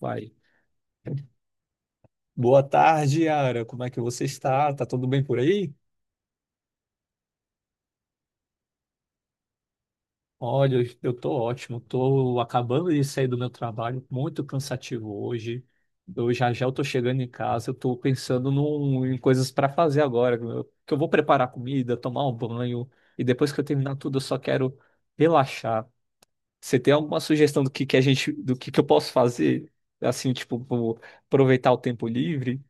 Vai. Boa tarde, Yara. Como é que você está? Tá tudo bem por aí? Olha, eu tô ótimo. Tô acabando de sair do meu trabalho, muito cansativo hoje. Eu já já eu tô chegando em casa, eu tô pensando em coisas para fazer agora, que eu vou preparar comida, tomar um banho e depois que eu terminar tudo, eu só quero relaxar. Você tem alguma sugestão do que do que eu posso fazer? Assim, tipo, vou aproveitar o tempo livre?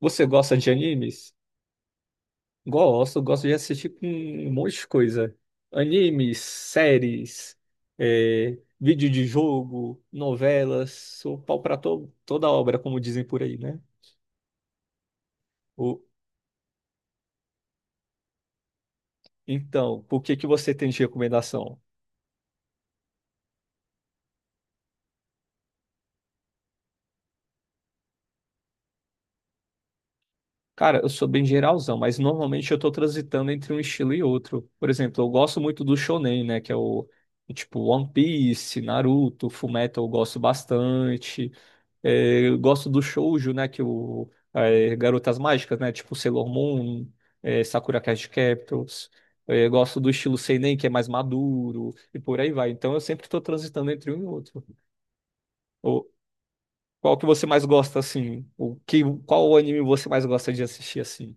Você gosta de animes? Gosto, gosto de assistir com um monte de coisa. Animes, séries, vídeo de jogo, novelas, sou pau pra toda obra, como dizem por aí, né? O- então, por que que você tem de recomendação? Cara, eu sou bem geralzão, mas normalmente eu tô transitando entre um estilo e outro. Por exemplo, eu gosto muito do shonen, né? Que é o tipo One Piece, Naruto, Fullmetal, eu gosto bastante. É, eu gosto do shoujo, né? Que o é, Garotas Mágicas, né? Tipo Sailor Moon, é, Sakura Card Captors. É, eu gosto do estilo seinen, que é mais maduro e por aí vai. Então eu sempre estou transitando entre um e outro. Ou, qual que você mais gosta assim? Qual anime você mais gosta de assistir assim?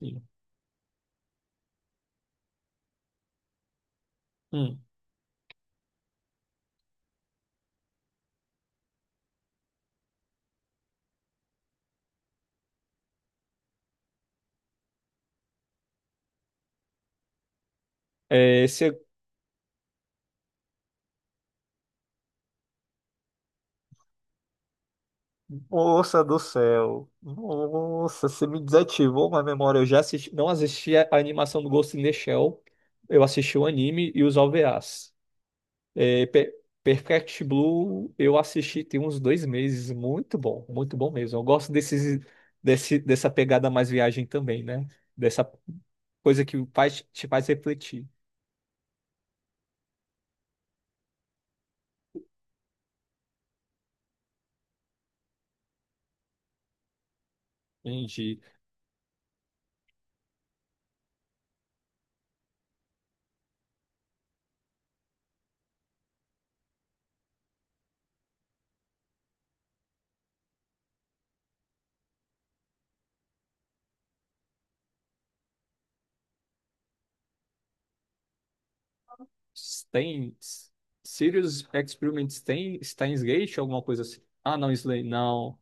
Sim. Hum. É, esse... Moça do céu. Nossa, você me desativou uma memória. Eu já assisti, não assisti a animação do Ghost in the Shell. Eu assisti o anime e os OVAs. É, Pe- Perfect Blue eu assisti tem uns dois meses, muito bom mesmo. Eu gosto dessa pegada mais viagem também, né? Dessa coisa que te faz refletir. Entende? Tem Serious Experiments, tem Steins Gate, alguma coisa assim. Ah, não, Slay, não.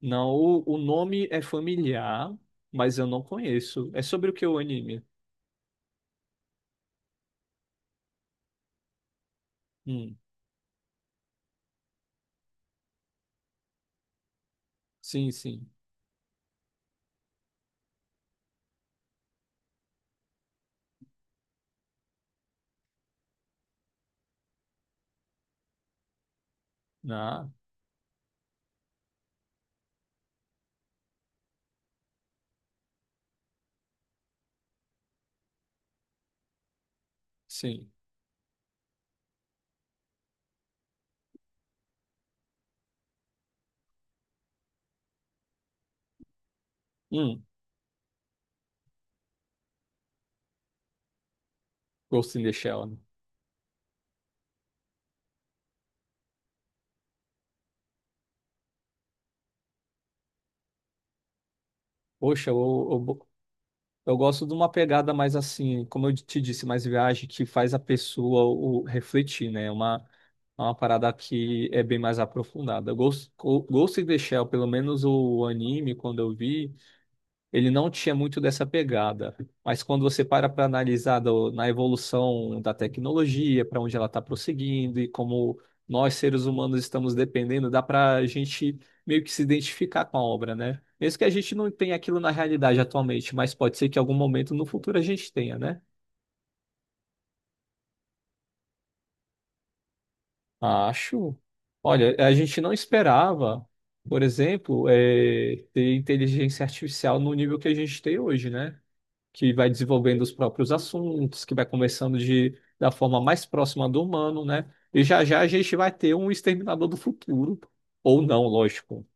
Não, o nome é familiar, mas eu não conheço. É sobre o que o anime? Hum, sim, sim. Ah, sim. Hum, Ghost in the Shell, né? Poxa, eu, eu, eu gosto de uma pegada mais assim, como eu te disse, mais viagem que faz a pessoa refletir, né? É uma parada que é bem mais aprofundada. Ghost in the Shell, pelo menos o anime, quando eu vi ele não tinha muito dessa pegada. Mas quando você para analisar na evolução da tecnologia, para onde ela está prosseguindo e como nós, seres humanos, estamos dependendo, dá para a gente meio que se identificar com a obra, né? Mesmo que a gente não tenha aquilo na realidade atualmente, mas pode ser que em algum momento no futuro a gente tenha, né? Acho. Olha, a gente não esperava, por exemplo, ter inteligência artificial no nível que a gente tem hoje, né? Que vai desenvolvendo os próprios assuntos, que vai conversando da forma mais próxima do humano, né? E já já a gente vai ter um exterminador do futuro, ou não, lógico.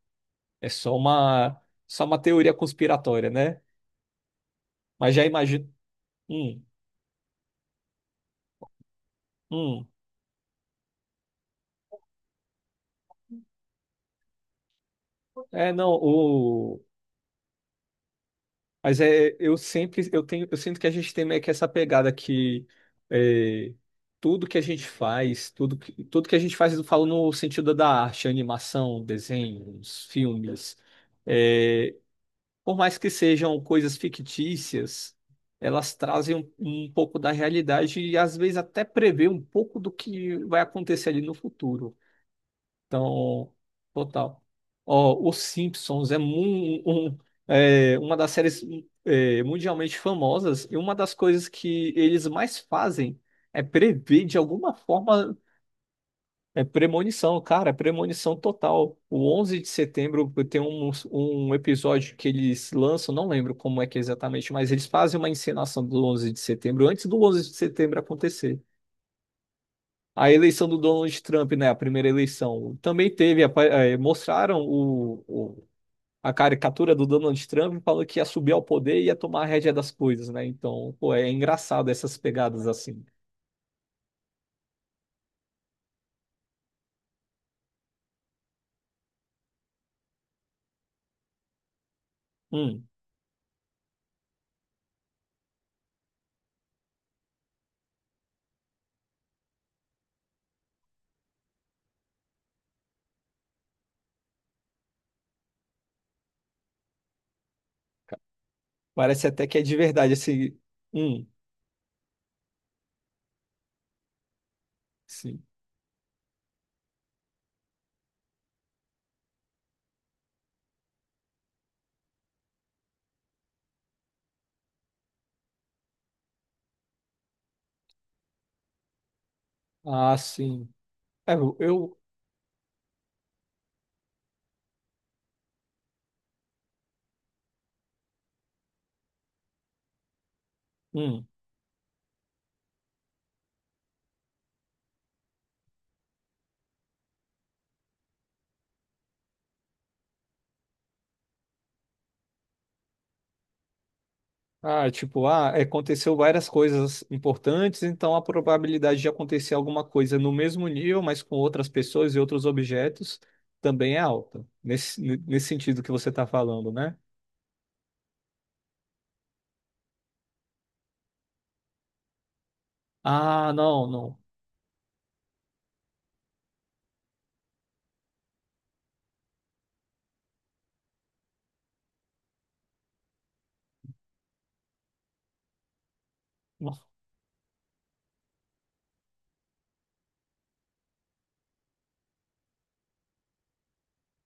É só uma só uma teoria conspiratória, né? Mas já imagino. Hum, hum. É, não, o Mas é, eu sempre, eu tenho, eu sinto que a gente tem meio que essa pegada que é, tudo que a gente faz, tudo que a gente faz, eu falo no sentido da arte, animação, desenhos, filmes, é, por mais que sejam coisas fictícias, elas trazem um pouco da realidade e às vezes até prevê um pouco do que vai acontecer ali no futuro. Então, total. Ó, Os Simpsons é, mu- um- é uma das séries é, mundialmente famosas e uma das coisas que eles mais fazem é prever de alguma forma, é premonição, cara, é premonição total. O 11 de setembro tem um episódio que eles lançam, não lembro como é que é exatamente, mas eles fazem uma encenação do 11 de setembro antes do 11 de setembro acontecer. A eleição do Donald Trump, né? A primeira eleição. Também teve, mostraram a caricatura do Donald Trump falando que ia subir ao poder e ia tomar a rédea das coisas, né? Então, pô, é engraçado essas pegadas assim. Hum, ca- parece até que é de verdade esse. Hum, sim. Ah, sim. É, eu. eu- hum. Ah, tipo, ah, aconteceu várias coisas importantes, então a probabilidade de acontecer alguma coisa no mesmo nível, mas com outras pessoas e outros objetos, também é alta. Nesse sentido que você está falando, né? Ah, não, não. Não.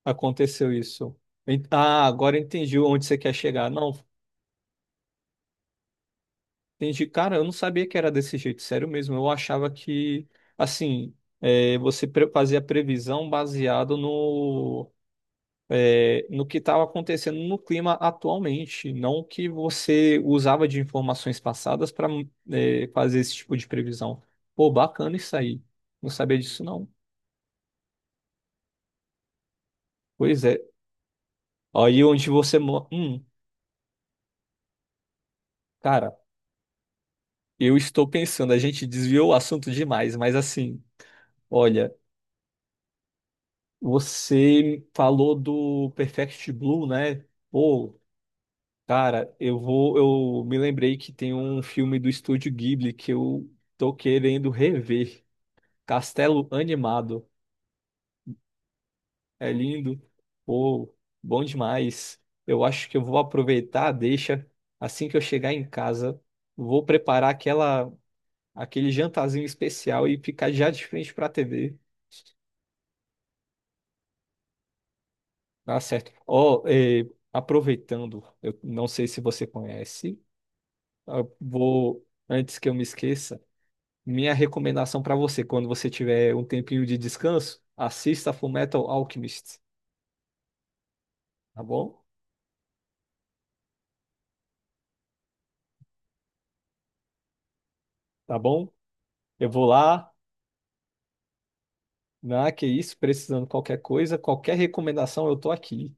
Aconteceu isso. Ah, agora entendi onde você quer chegar. Não, entendi. Cara, eu não sabia que era desse jeito, sério mesmo. Eu achava que, assim, é, você fazia previsão baseado no que estava acontecendo no clima atualmente, não o que você usava de informações passadas para fazer esse tipo de previsão. Pô, bacana isso aí. Não sabia disso, não. Pois é. Aí onde você. Mo- cara, eu estou pensando, a gente desviou o assunto demais, mas assim, olha, você falou do Perfect Blue, né? Pô. Cara, eu vou, eu me lembrei que tem um filme do Estúdio Ghibli que eu tô querendo rever. Castelo animado. É lindo. Pô, bom demais. Eu acho que eu vou aproveitar a deixa. Assim que eu chegar em casa, vou preparar aquele jantarzinho especial e ficar já de frente para a TV. Tá certo. Ó, aproveitando, eu não sei se você conhece, antes que eu me esqueça, minha recomendação para você, quando você tiver um tempinho de descanso, assista Fullmetal Alchemist, tá bom? Tá bom? Eu vou lá. Ah, que isso, precisando de qualquer coisa, qualquer recomendação, eu tô aqui.